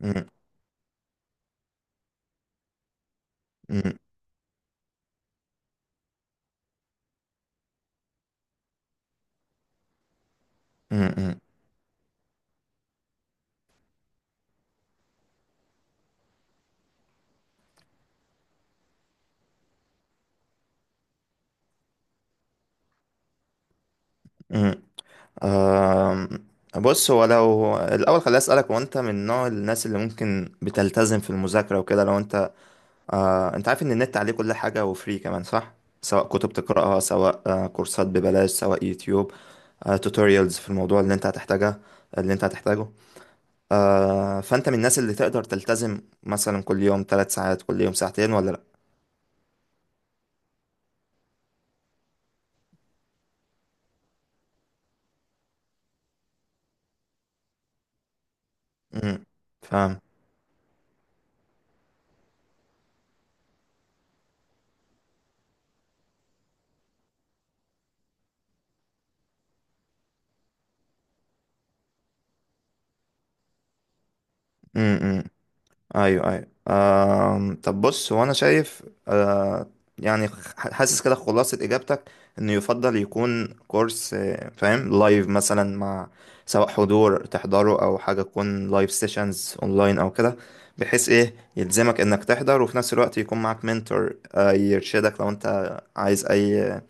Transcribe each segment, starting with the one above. مم. مم. مم. مم. آم، بص، هو لو الأول خليني أسألك، هو أنت من نوع الناس اللي ممكن بتلتزم في المذاكرة وكده؟ لو أنت أنت عارف إن النت عليه كل حاجة وفري كمان، صح؟ سواء كتب تقرأها، سواء كورسات ببلاش، سواء يوتيوب توتوريالز في الموضوع اللي أنت هتحتاجها، اللي أنت هتحتاجه فأنت من الناس اللي تقدر تلتزم مثلا كل يوم 3 ساعات، كل يوم ساعتين، ولا لأ؟ مم. فاهم. م- م- ايوه ايوه. طب بص، هو انا شايف يعني حاسس كده خلاصة اجابتك انه يفضل يكون كورس فاهم، لايف مثلا، مع، سواء حضور تحضره او حاجة تكون لايف سيشنز اونلاين او كده، بحيث ايه يلزمك انك تحضر، وفي نفس الوقت يكون معاك منتور يرشدك لو انت عايز اي،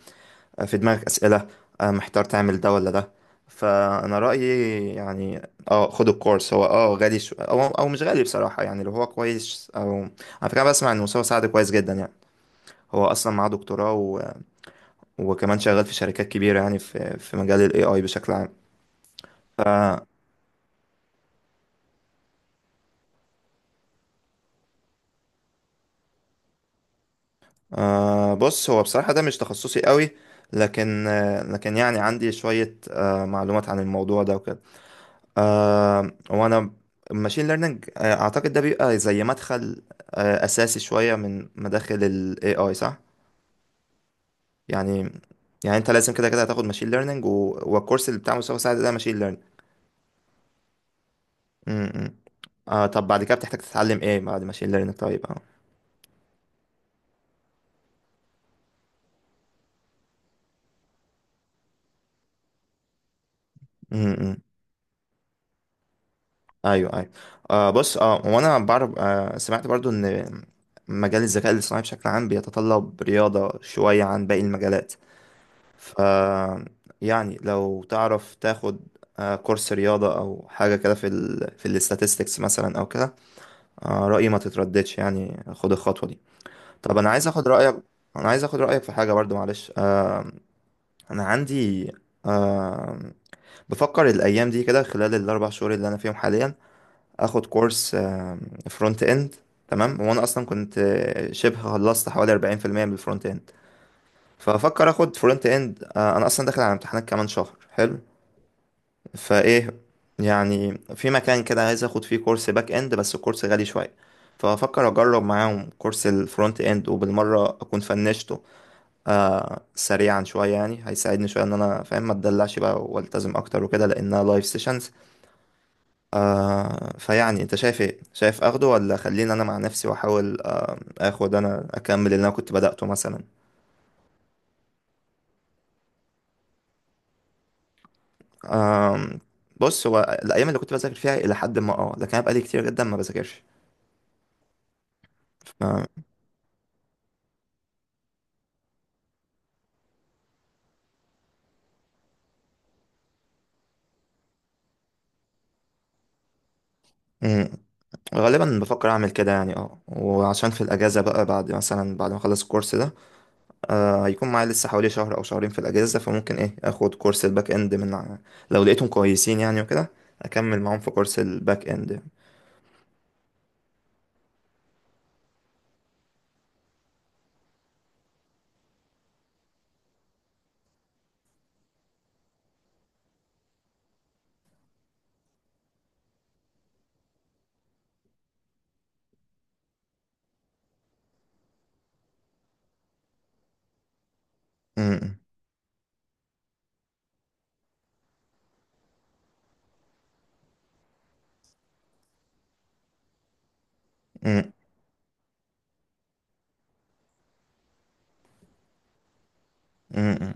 في دماغك أسئلة، محتار تعمل ده ولا ده. فأنا رأيي يعني اه، خد الكورس، هو اه غالي. أو مش غالي بصراحة، يعني لو هو كويس. أو على فكرة أنا بسمع إن مستوى سعد كويس جدا يعني. هو أصلا معاه دكتوراه وكمان شغال في شركات كبيرة، يعني في مجال ال AI بشكل عام. ف بص، هو بصراحة ده مش تخصصي قوي، لكن لكن يعني عندي شوية معلومات عن الموضوع ده وكده. آه وانا الماشين ليرنينج اعتقد ده بيبقى زي مدخل اساسي شويه من مداخل ال AI، صح؟ يعني انت لازم كده كده هتاخد ماشين ليرنينج، والكورس اللي بتاع مستوى ساعد ده ماشين ليرنينج. امم. طب بعد كده بتحتاج تتعلم ايه بعد ماشين ليرنينج؟ طيب، اه. امم. ايوه ايوه. بص، اه، وانا بعرف آه سمعت برضو ان مجال الذكاء الاصطناعي بشكل عام بيتطلب رياضه شويه عن باقي المجالات. ف يعني لو تعرف تاخد كورس رياضة أو حاجة كده في الاستاتستكس مثلا أو كده، رأيي ما تترددش، يعني خد الخطوة دي. طب أنا عايز أخد رأيك أنا عايز أخد رأيك في حاجة برضو، معلش. أنا عندي آه، بفكر الأيام دي كده، خلال ال4 شهور اللي أنا فيهم حاليا، أخد كورس فرونت إند. تمام. وأنا أصلا كنت شبه خلصت حوالي 40% من الفرونت إند، فأفكر أخد فرونت إند. أنا أصلا داخل على امتحانات كمان شهر، حلو. فايه يعني في مكان كده عايز اخد فيه كورس باك اند، بس الكورس غالي شويه، فافكر اجرب معاهم كورس الفرونت اند، وبالمره اكون فنشته سريعا شويه. يعني هيساعدني شويه ان انا فاهم، ما اتدلعش بقى والتزم اكتر وكده، لانها لايف سيشنز. فيعني انت شايف ايه؟ شايف اخده، ولا خليني انا مع نفسي واحاول اخد، انا اكمل اللي انا كنت بدأته مثلا؟ آه بص، هو الايام اللي كنت بذاكر فيها الى حد ما اه، لكن انا بقالي كتير جدا ما بذاكرش. ف- غالبا بفكر اعمل كده يعني، اه. وعشان في الاجازه بقى، بعد مثلا بعد ما اخلص الكورس ده هيكون معايا لسه حوالي شهر او شهرين في الاجازه، فممكن ايه اخد كورس الباك اند. لو لقيتهم كويسين يعني وكده، اكمل معاهم في كورس الباك اند. امم. امم. امم.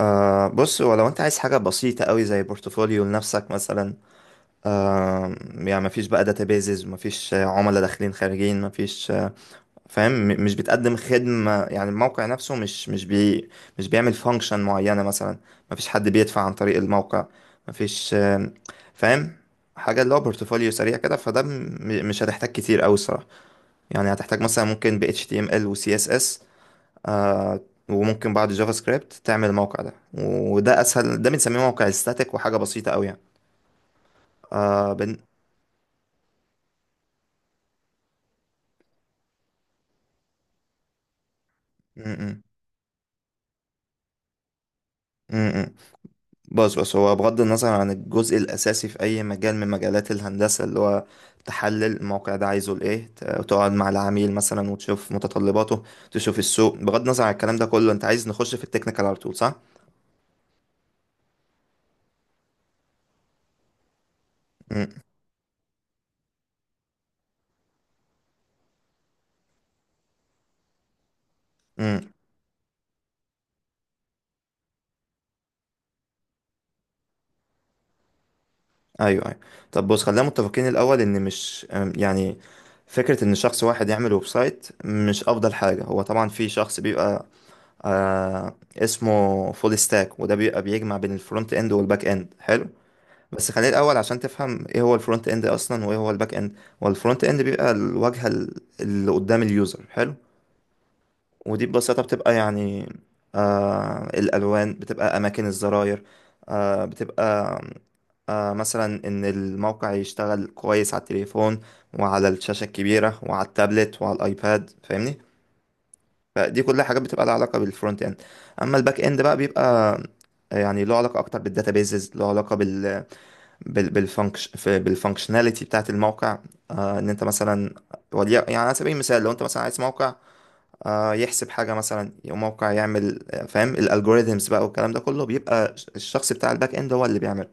بص، ولو انت عايز حاجه بسيطه قوي زي بورتفوليو لنفسك مثلا، يعني مفيش بقى داتابيزز، مفيش عملاء داخلين خارجين، مفيش فاهم، مش بتقدم خدمة. يعني الموقع نفسه مش بيعمل فانكشن معينة مثلا. مفيش حد بيدفع عن طريق الموقع، مفيش، فاهم، حاجة اللي هو بورتفوليو سريع كده. فده مش هتحتاج كتير أوي الصراحة. يعني هتحتاج مثلا، ممكن ب HTML و CSS. آه وممكن بعد جافا سكريبت تعمل الموقع ده. وده أسهل، ده بنسميه موقع استاتيك، وحاجة بسيطة أوي يعني. آه بن... م- م- م- م. بص هو بغض النظر عن الجزء الأساسي في أي مجال من مجالات الهندسة، اللي هو تحلل الموقع ده عايزه لإيه، وتقعد مع العميل مثلا وتشوف متطلباته، تشوف السوق، بغض النظر عن الكلام ده كله، أنت عايز نخش في التكنيكال على طول، صح؟ امم. امم. أيوه أيوه. طب بص، خلينا متفقين الأول إن مش، يعني فكرة إن شخص واحد يعمل ويب سايت مش أفضل حاجة. هو طبعا في شخص بيبقى اسمه فول ستاك، وده بيبقى بيجمع بين الفرونت إند والباك إند. حلو. بس خلينا الاول عشان تفهم ايه هو الفرونت اند اصلا، وايه هو الباك اند. هو الفرونت اند بيبقى الواجهه، اللي قدام اليوزر، حلو. ودي ببساطه بتبقى يعني، الالوان، بتبقى اماكن الزراير، بتبقى مثلا ان الموقع يشتغل كويس على التليفون، وعلى الشاشه الكبيره، وعلى التابلت، وعلى الايباد، فاهمني. فدي كلها حاجات بتبقى لها علاقه بالفرونت اند. اما الباك اند بقى، بيبقى يعني له علاقه اكتر بالداتابيزز، له علاقه بالفانكشناليتي بتاعت الموقع. ان انت مثلا، يعني على سبيل المثال، لو انت مثلا عايز موقع يحسب حاجه مثلا، او موقع يعمل فاهم، الالجوريزمز بقى والكلام ده كله، بيبقى الشخص بتاع الباك اند هو اللي بيعمله.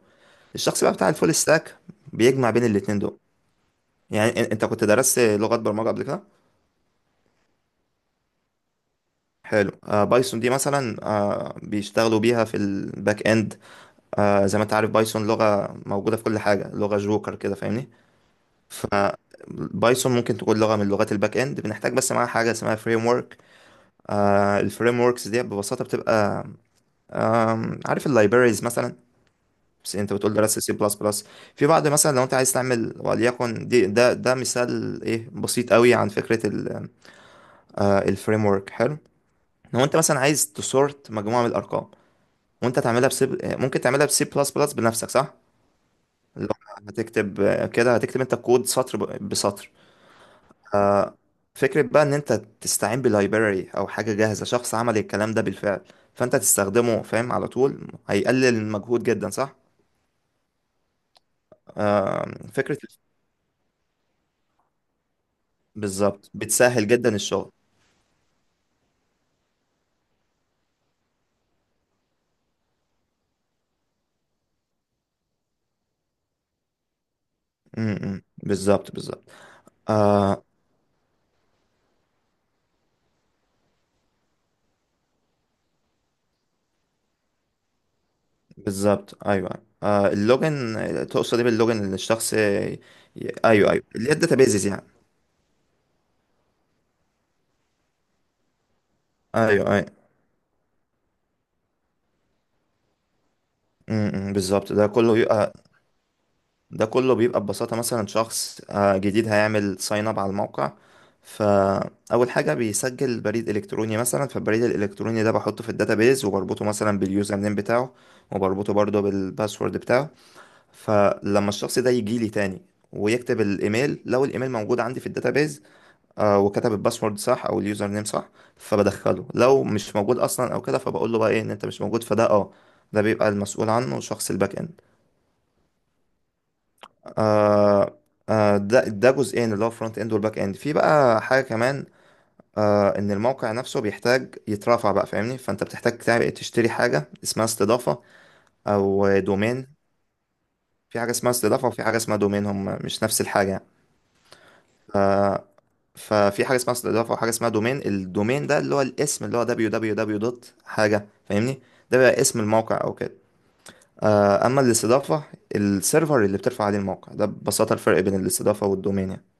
الشخص بقى بتاع الفول ستاك بيجمع بين الاتنين دول. يعني انت كنت درست لغات برمجه قبل كده. حلو. بايثون دي مثلا بيشتغلوا بيها في الباك اند. زي ما انت عارف، بايثون لغه موجوده في كل حاجه، لغه جوكر كده، فاهمني. فبايثون ممكن تكون لغة من لغات الباك اند، بنحتاج بس معاها حاجة اسمها فريم ورك. الفريم وركس دي ببساطة بتبقى، عارف اللايبريز مثلا؟ بس انت بتقول درست سي بلس بلس. في بعض، مثلا لو انت عايز تعمل، وليكن دي ده مثال ايه بسيط قوي عن فكرة الفريم ورك. حلو. لو انت مثلا عايز تسورت مجموعة من الارقام، وانت تعملها بسي، ممكن تعملها بسي بلس بلس بنفسك، صح؟ لو هتكتب كده، هتكتب انت كود سطر بسطر. فكرة بقى، ان انت تستعين بلايبراري او حاجة جاهزة، شخص عمل الكلام ده بالفعل، فانت تستخدمه، فاهم، على طول هيقلل المجهود جدا، صح؟ فكرة. بالظبط، بتسهل جدا الشغل. امم، بالظبط بالظبط. آه بالظبط، ايوه. اللوجن، تقصد ايه باللوجن؟ اللي الشخص ايوه ايوه، اللي هي الداتابيزز يعني. ايوه ايوه. امم، بالظبط ده كله. ده كله بيبقى ببساطة مثلا، شخص جديد هيعمل ساين اب على الموقع، فأول حاجة بيسجل بريد إلكتروني مثلا، فالبريد الإلكتروني ده بحطه في الداتابيز، وبربطه مثلا باليوزر نيم بتاعه، وبربطه برضه بالباسورد بتاعه. فلما الشخص ده يجي لي تاني ويكتب الإيميل، لو الإيميل موجود عندي في الداتابيز، وكتب الباسورد صح أو اليوزر نيم صح، فبدخله. لو مش موجود أصلا أو كده، فبقول له بقى إيه، إن أنت مش موجود. فده أه، ده بيبقى المسؤول عنه شخص الباك إند. آه ده جزئين، اللي هو فرونت اند والباك اند. في بقى حاجه كمان، ان الموقع نفسه بيحتاج يترافع بقى، فاهمني. فانت بتحتاج تعمل، تشتري حاجه اسمها استضافه او دومين. في حاجه اسمها استضافه، وفي حاجه اسمها دومين، هم مش نفس الحاجه يعني. ففي حاجه اسمها استضافه، وحاجه اسمها دومين. الدومين ده اللي هو الاسم، اللي هو www دوت حاجه، فاهمني. ده بقى اسم الموقع او كده. اما الاستضافه، السيرفر اللي بترفع عليه الموقع ده. ببساطه الفرق بين الاستضافه والدومين يعني.